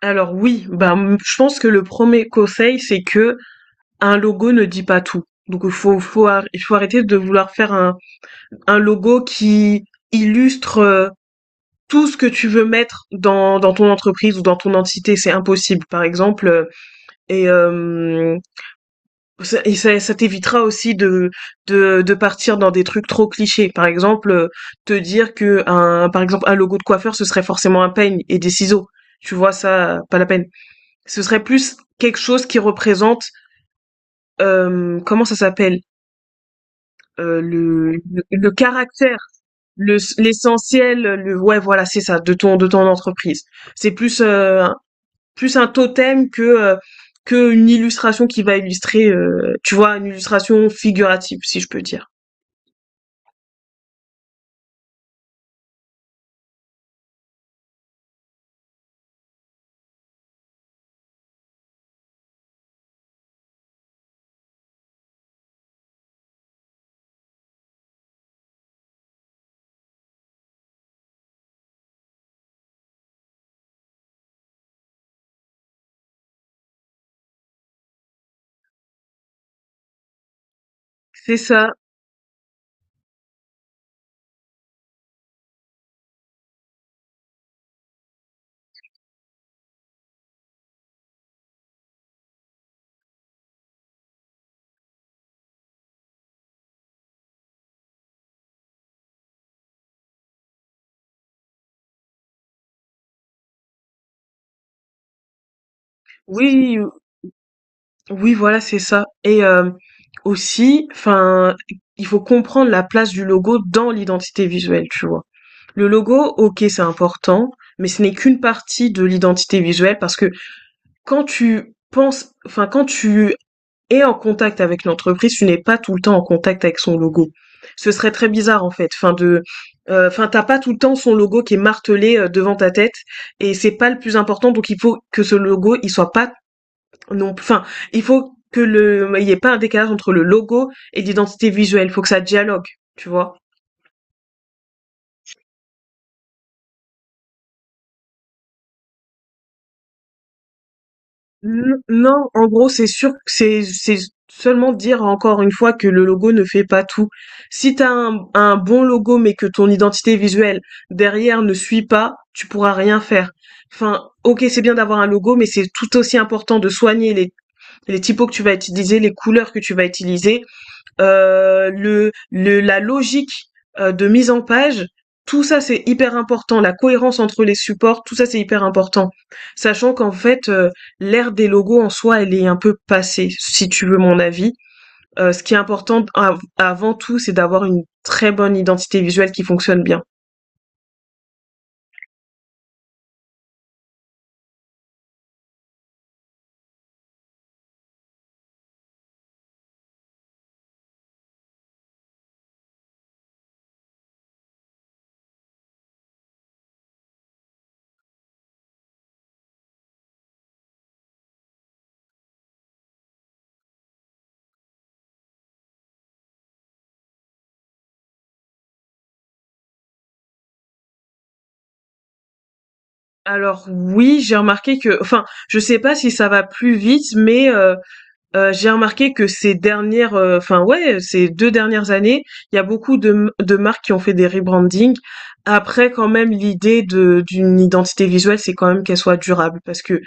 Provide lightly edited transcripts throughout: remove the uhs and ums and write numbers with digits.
Alors oui, bah, mmh, je pense que le premier conseil, c'est que un logo ne dit pas tout. Donc il faut arrêter de vouloir faire un logo qui illustre, tout ce que tu veux mettre dans ton entreprise ou dans ton entité, c'est impossible. Par exemple, et hem, ça et ça ça t'évitera aussi de partir dans des trucs trop clichés. Par exemple, te dire que un par exemple, un logo de coiffeur, ce serait forcément un peigne et des ciseaux. Tu vois? Ça, pas la peine. Ce serait plus quelque chose qui représente, comment ça s'appelle? Le caractère, le l'essentiel, le ouais, voilà, c'est ça, de ton entreprise. C'est plus, plus un totem que une illustration qui va illustrer, tu vois? Une illustration figurative, si je peux dire. C'est ça. Oui, Oui, voilà, c'est ça. Et aussi, enfin, il faut comprendre la place du logo dans l'identité visuelle, tu vois. Le logo, ok, c'est important, mais ce n'est qu'une partie de l'identité visuelle parce que quand tu penses, enfin, quand tu es en contact avec l'entreprise, tu n'es pas tout le temps en contact avec son logo. Ce serait très bizarre en fait. Enfin de, enfin t'as pas tout le temps son logo qui est martelé devant ta tête, et c'est pas le plus important. Donc il faut que ce logo il soit pas non, enfin, il faut que il y ait pas un décalage entre le logo et l'identité visuelle. Il faut que ça dialogue, tu vois. Non, en gros, c'est sûr, que c'est seulement dire encore une fois que le logo ne fait pas tout. Si t'as un bon logo, mais que ton identité visuelle derrière ne suit pas, tu pourras rien faire. Enfin, ok, c'est bien d'avoir un logo, mais c'est tout aussi important de soigner les typos que tu vas utiliser, les couleurs que tu vas utiliser, la logique de mise en page, tout ça c'est hyper important. La cohérence entre les supports, tout ça c'est hyper important. Sachant qu'en fait, l'ère des logos en soi, elle est un peu passée, si tu veux mon avis. Ce qui est important avant tout, c'est d'avoir une très bonne identité visuelle qui fonctionne bien. Alors oui, j'ai remarqué que, enfin, je sais pas si ça va plus vite, mais j'ai remarqué que ces dernières, enfin ouais, ces 2 dernières années, il y a beaucoup de marques qui ont fait des rebrandings. Après quand même l'idée de d'une identité visuelle, c'est quand même qu'elle soit durable parce que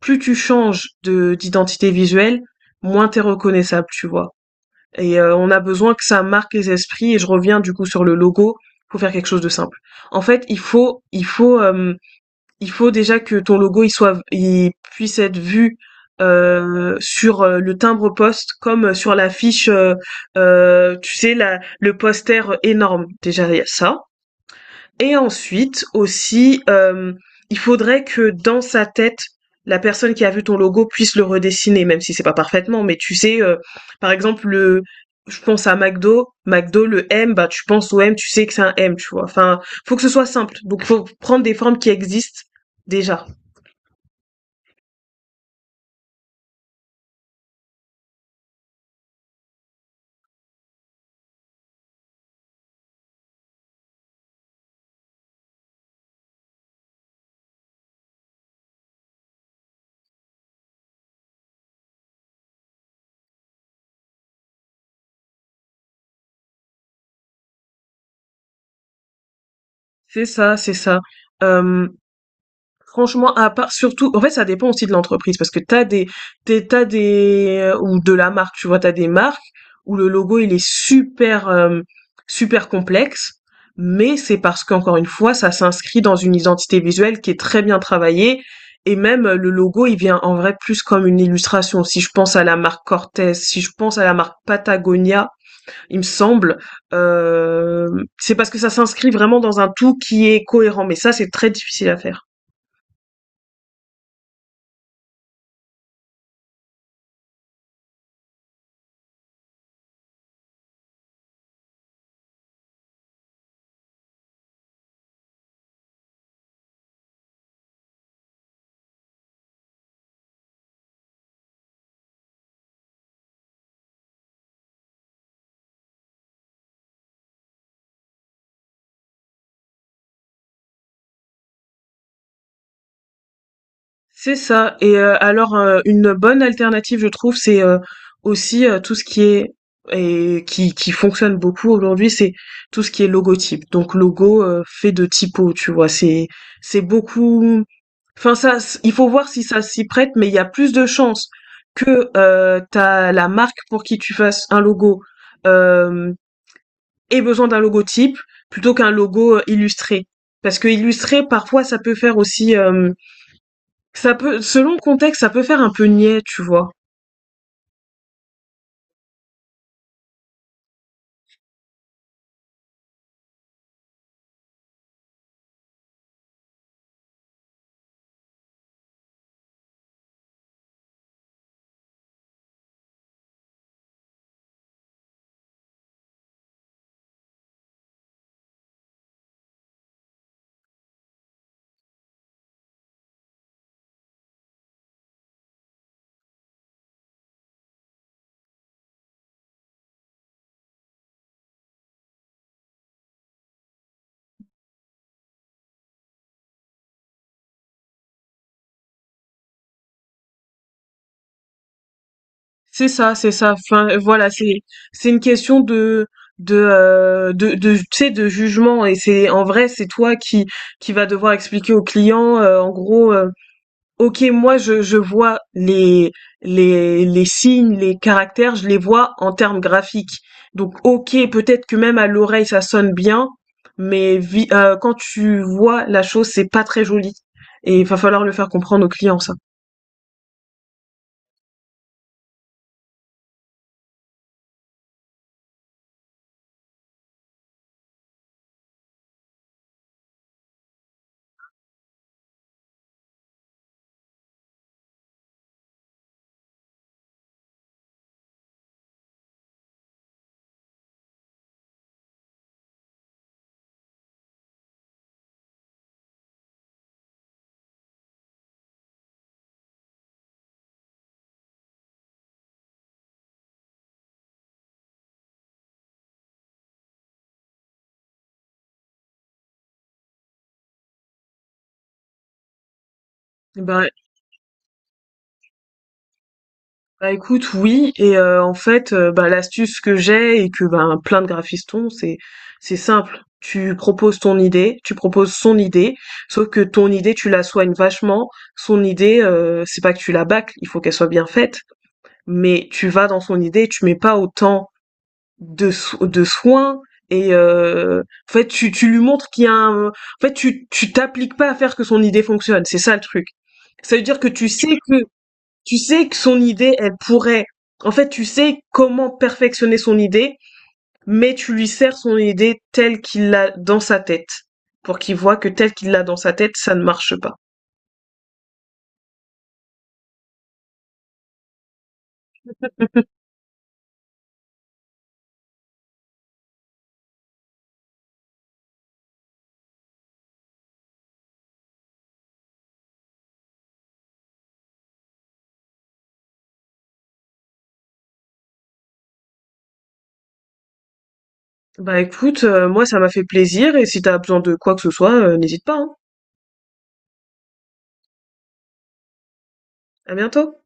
plus tu changes de d'identité visuelle, moins t'es reconnaissable, tu vois? Et on a besoin que ça marque les esprits, et je reviens du coup sur le logo, faut faire quelque chose de simple. En fait, il faut, hem il faut déjà que ton logo, il puisse être vu, sur, le timbre poste comme sur l'affiche, tu sais la le poster énorme. Déjà, il y a ça. Et ensuite aussi, il faudrait que dans sa tête, la personne qui a vu ton logo puisse le redessiner, même si c'est pas parfaitement. Mais tu sais, par exemple, je pense à McDo, McDo, le M, bah tu penses au M, tu sais que c'est un M, tu vois. Enfin, faut que ce soit simple. Donc, faut prendre des formes qui existent déjà. C'est ça, c'est ça. Euh, Franchement, à part surtout, en fait, ça dépend aussi de l'entreprise parce que t'as des, t'as des, ou de la marque, tu vois, t'as des marques où le logo il est super, super complexe, mais c'est parce qu'encore une fois, ça s'inscrit dans une identité visuelle qui est très bien travaillée et même le logo il vient en vrai plus comme une illustration. Si je pense à la marque Cortez, si je pense à la marque Patagonia, il me semble. Euh, c'est parce que ça s'inscrit vraiment dans un tout qui est cohérent, mais ça, c'est très difficile à faire. C'est ça, et alors, une bonne alternative, je trouve, c'est, aussi, tout ce qui est et qui fonctionne beaucoup aujourd'hui, c'est tout ce qui est logotype. Donc logo, fait de typo, tu vois? C'est beaucoup enfin ça s il faut voir si ça s'y prête, mais il y a plus de chances que, ta la marque pour qui tu fasses un logo, hem, ait besoin d'un logotype plutôt qu'un logo, illustré. Parce qu'illustré, parfois, ça peut faire aussi, ça peut selon le contexte, ça peut faire un peu niais, tu vois? C'est ça, c'est ça. Enfin, voilà, c'est une question de de tu sais, de jugement, et c'est en vrai, c'est toi qui va devoir expliquer au client, en gros, «OK, moi, je vois les les signes, les caractères, je les vois en termes graphiques. Donc OK, peut-être que même à l'oreille, ça sonne bien, mais vi quand tu vois la chose, c'est pas très joli», et il va falloir le faire comprendre au client ça. Bah bah, écoute, oui, et bah, l'astuce que j'ai et que, ben, plein de graphistes ont, c'est simple. Tu proposes ton idée, tu proposes son idée, sauf que ton idée, tu la soignes vachement. Son idée, c'est pas que tu la bâcles, il faut qu'elle soit bien faite, mais tu vas dans son idée, tu mets pas autant de soins. Et tu lui montres qu'il y a un en fait, tu t'appliques pas à faire que son idée fonctionne, c'est ça le truc. Ça veut dire que tu sais que son idée, elle pourrait. En fait, tu sais comment perfectionner son idée, mais tu lui sers son idée telle qu'il l'a dans sa tête, pour qu'il voit que telle qu'il l'a dans sa tête, ça ne marche pas. Bah écoute, moi ça m'a fait plaisir, et si t'as besoin de quoi que ce soit, n'hésite pas, hein. À bientôt.